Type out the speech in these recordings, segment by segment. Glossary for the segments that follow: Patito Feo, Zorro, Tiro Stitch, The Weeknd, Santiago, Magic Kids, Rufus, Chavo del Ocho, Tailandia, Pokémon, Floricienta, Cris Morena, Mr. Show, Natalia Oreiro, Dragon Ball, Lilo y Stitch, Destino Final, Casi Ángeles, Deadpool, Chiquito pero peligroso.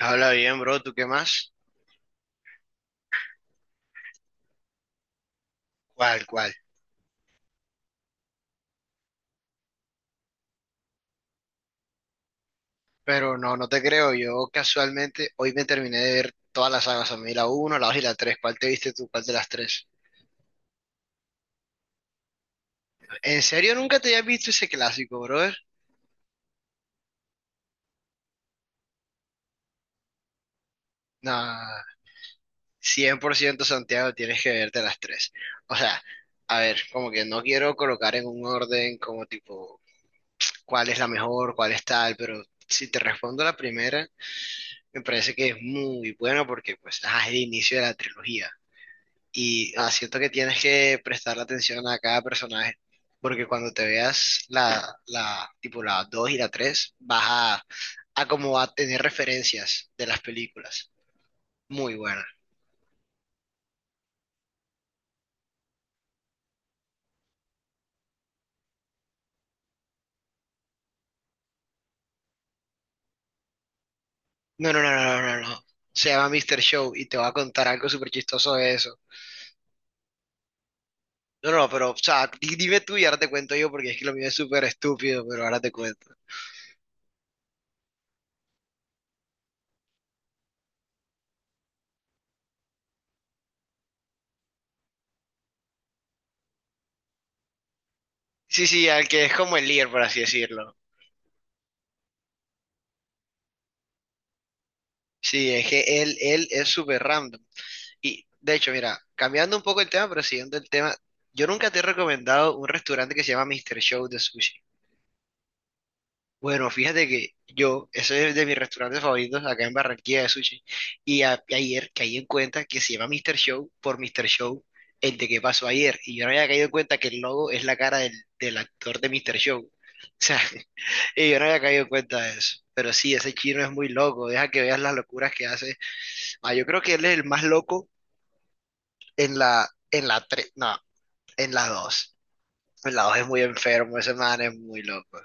Habla bien, bro, ¿tú qué más? ¿Cuál, cuál? Pero no, no te creo. Yo casualmente hoy me terminé de ver todas las sagas. A mí la uno, la 2 y la tres. ¿Cuál te viste tú? ¿Cuál de las tres? ¿En serio nunca te habías visto ese clásico, brother? Nah, cien por ciento, Santiago, tienes que verte las tres. O sea, a ver, como que no quiero colocar en un orden como tipo cuál es la mejor, cuál es tal, pero si te respondo la primera, me parece que es muy buena porque pues ajá, es el inicio de la trilogía. Y siento que tienes que prestarle atención a cada personaje, porque cuando te veas tipo la 2 y la 3 vas a como a tener referencias de las películas. Muy buena. No, no, no, no, no, no, no. Se llama Mr. Show y te voy a contar algo súper chistoso de eso. No, no, pero, o sea, dime tú y ahora te cuento yo, porque es que lo mío es súper estúpido, pero ahora te cuento. Sí, sí, al que es como el líder, por así decirlo. Sí, es que él es súper random. Y de hecho, mira, cambiando un poco el tema, pero siguiendo el tema, yo nunca te he recomendado un restaurante que se llama Mr. Show de sushi. Bueno, fíjate que yo, ese es de mis restaurantes favoritos acá en Barranquilla de sushi. Y ayer caí en cuenta que se llama Mr. Show por Mr. Show, el de que pasó ayer? Y yo no había caído en cuenta que el logo es la cara del actor de Mr. Show. O sea, y yo no había caído en cuenta de eso. Pero sí, ese chino es muy loco. Deja que veas las locuras que hace. Ah, yo creo que él es el más loco en en la 3, en la dos. En la 2 es muy enfermo, ese man es muy loco.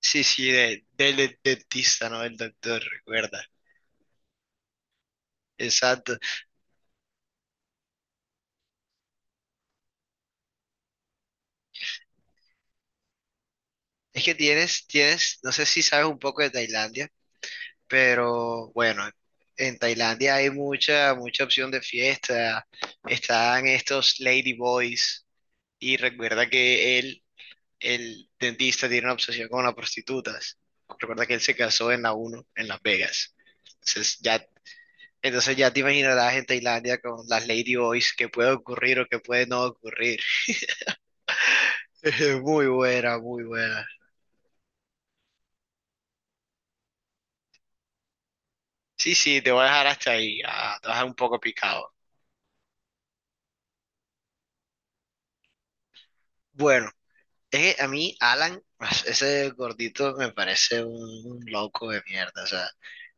Sí, sí, del dentista, ¿no? El doctor, recuerda. Exacto. Es que tienes, no sé si sabes un poco de Tailandia, pero bueno, en Tailandia hay mucha opción de fiesta. Están estos lady boys y recuerda que el dentista tiene una obsesión con las prostitutas. Recuerda que él se casó en la uno en Las Vegas. Entonces ya. Entonces ya te imaginarás en Tailandia con las Ladyboys qué puede ocurrir o qué puede no ocurrir. Muy buena, muy buena. Sí, sí, te voy a dejar hasta ahí. Ah, te vas a dejar un poco picado. Bueno, es que a mí, Alan, ese gordito me parece un loco de mierda. O sea,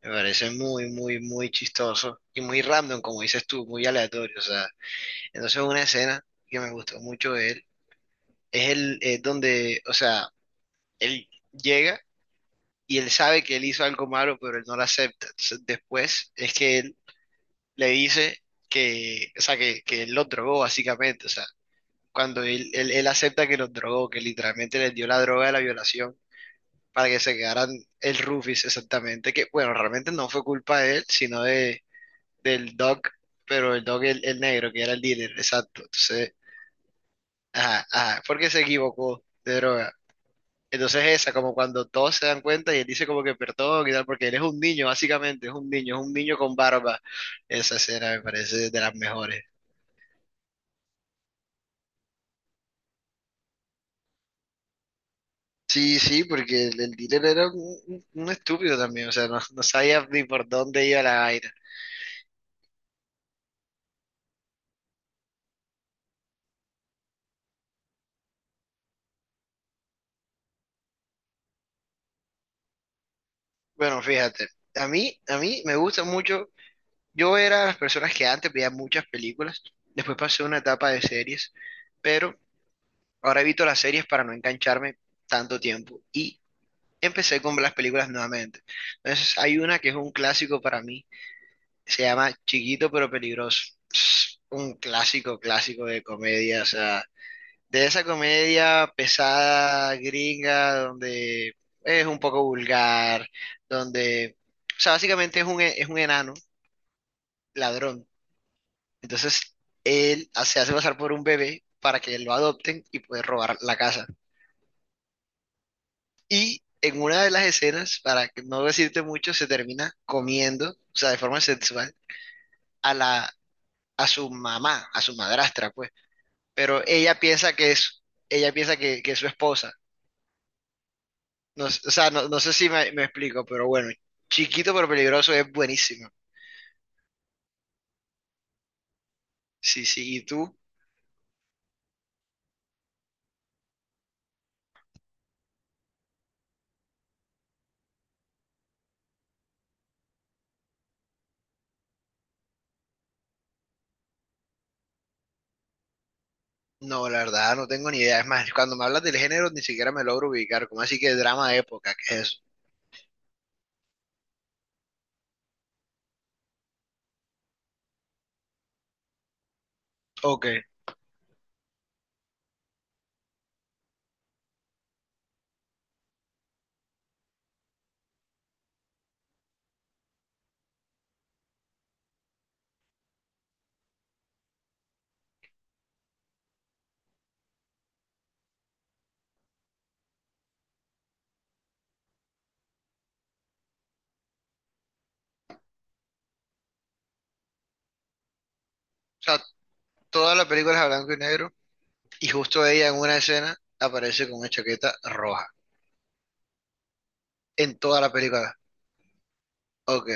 me parece muy, muy, muy chistoso y muy random, como dices tú, muy aleatorio. O sea, entonces una escena que me gustó mucho de él es es donde, o sea, él llega. Y él sabe que él hizo algo malo, pero él no lo acepta. Entonces, después es que él le dice o sea, que él lo drogó básicamente, o sea, cuando él acepta que los drogó, que literalmente les dio la droga de la violación para que se quedaran. El Rufus, exactamente, que bueno, realmente no fue culpa de él, sino de, del Doc, pero el Doc, el negro, que era el dealer, exacto. Entonces, ajá, ajá, porque se equivocó de droga. Entonces esa, como cuando todos se dan cuenta y él dice como que perdón y tal, porque él es un niño, básicamente, es un niño con barba. Esa escena me parece de las mejores. Sí, sí, porque el dealer era un estúpido también, o sea, no, no sabía ni por dónde iba la vaina. Bueno, fíjate, a mí me gusta mucho, yo era de las personas que antes veía muchas películas, después pasé una etapa de series, pero ahora evito las series para no engancharme tanto tiempo. Y empecé con las películas nuevamente. Entonces, hay una que es un clásico para mí, se llama Chiquito pero peligroso. Es un clásico, clásico de comedia, o sea, de esa comedia pesada, gringa, donde es un poco vulgar, donde, o sea, básicamente es un, es un enano ladrón. Entonces, él se hace pasar por un bebé para que lo adopten y poder robar la casa. Y en una de las escenas, para que no decirte mucho, se termina comiendo, o sea, de forma sexual, a la, a su mamá, a su madrastra, pues. Pero ella piensa que es, ella piensa que es su esposa. No, o sea, no, no sé si me explico, pero bueno, chiquito pero peligroso es buenísimo. Sí, sí, ¿y tú? No, la verdad, no tengo ni idea. Es más, cuando me hablas del género, ni siquiera me logro ubicar. ¿Cómo así que drama de época? ¿Qué es eso? Ok. O sea, todas las películas a blanco y negro. Y justo ella en una escena aparece con una chaqueta roja. En toda la película. Ok.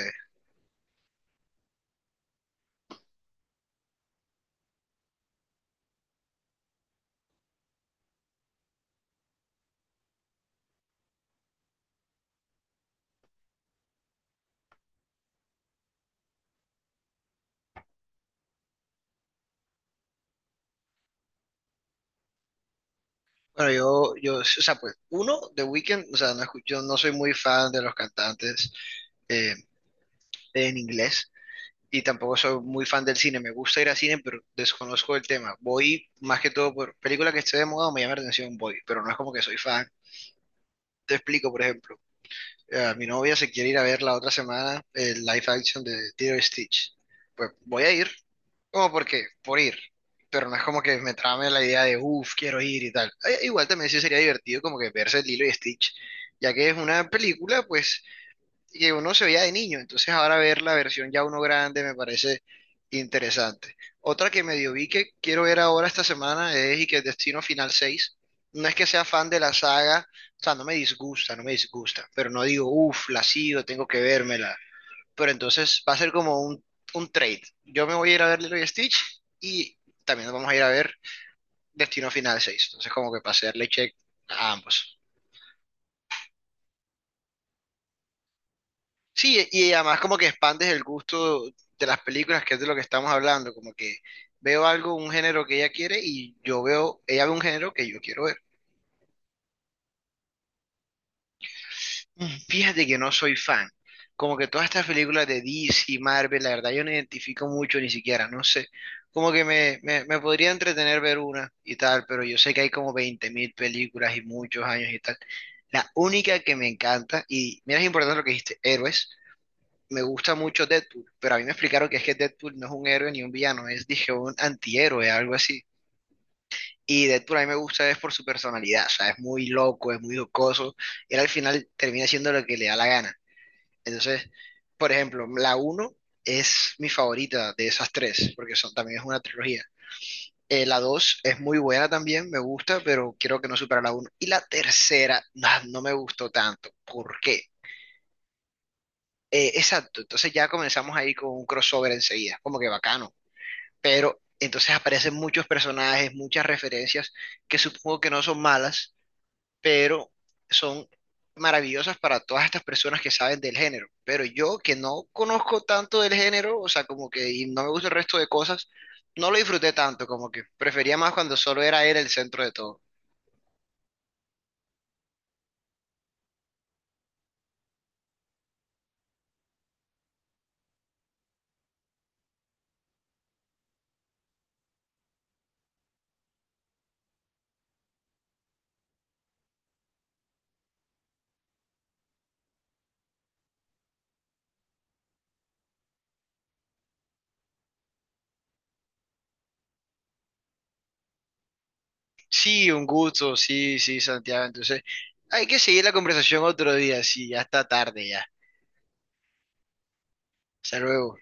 Bueno, yo, o sea, pues, uno, The Weeknd, o sea, no, yo no soy muy fan de los cantantes eh, en inglés y tampoco soy muy fan del cine. Me gusta ir al cine, pero desconozco el tema. Voy más que todo por película que esté de moda o me llama la atención, voy, pero no es como que soy fan. Te explico, por ejemplo, mi novia se quiere ir a ver la otra semana el live action de Tiro Stitch. Pues voy a ir, como porque, por ir. Pero no es como que me trame la idea de, uff, quiero ir y tal. Igual también sí sería divertido como que verse Lilo y Stitch, ya que es una película, pues, que uno se veía de niño. Entonces ahora ver la versión ya uno grande me parece interesante. Otra que medio vi que quiero ver ahora esta semana es y que Destino Final seis. No es que sea fan de la saga, o sea, no me disgusta, no me disgusta, pero no digo, uff, la sigo, tengo que vérmela, pero entonces va a ser como un trade. Yo me voy a ir a ver Lilo y Stitch y también nos vamos a ir a ver Destino Final 6. Entonces como que pasearle check a ambos. Sí, y además como que expandes el gusto de las películas, que es de lo que estamos hablando, como que veo algo, un género que ella quiere y yo veo, ella ve un género que yo quiero ver. Mm, fíjate que no soy fan. Como que todas estas películas de DC y Marvel, la verdad yo no identifico mucho ni siquiera, no sé. Como que me podría entretener ver una y tal, pero yo sé que hay como 20.000 películas y muchos años y tal. La única que me encanta, y mira, es importante lo que dijiste, héroes, me gusta mucho Deadpool, pero a mí me explicaron que es que Deadpool no es un héroe ni un villano, es, dije, un antihéroe, algo así. Y Deadpool a mí me gusta es por su personalidad, o sea, es muy loco, es muy jocoso, y él al final termina siendo lo que le da la gana. Entonces, por ejemplo, la uno es mi favorita de esas tres, porque son, también es una trilogía. La 2 es muy buena también, me gusta, pero creo que no supera la uno. Y la tercera, nah, no me gustó tanto. ¿Por qué? Exacto, entonces ya comenzamos ahí con un crossover enseguida, como que bacano. Pero entonces aparecen muchos personajes, muchas referencias que supongo que no son malas, pero son maravillosas para todas estas personas que saben del género. Pero yo que no conozco tanto del género, o sea, como que y no me gusta el resto de cosas, no lo disfruté tanto, como que prefería más cuando solo era él el centro de todo. Sí, un gusto, sí, sí, Santiago. Entonces, hay que seguir la conversación otro día, sí, ya está tarde ya. Hasta luego.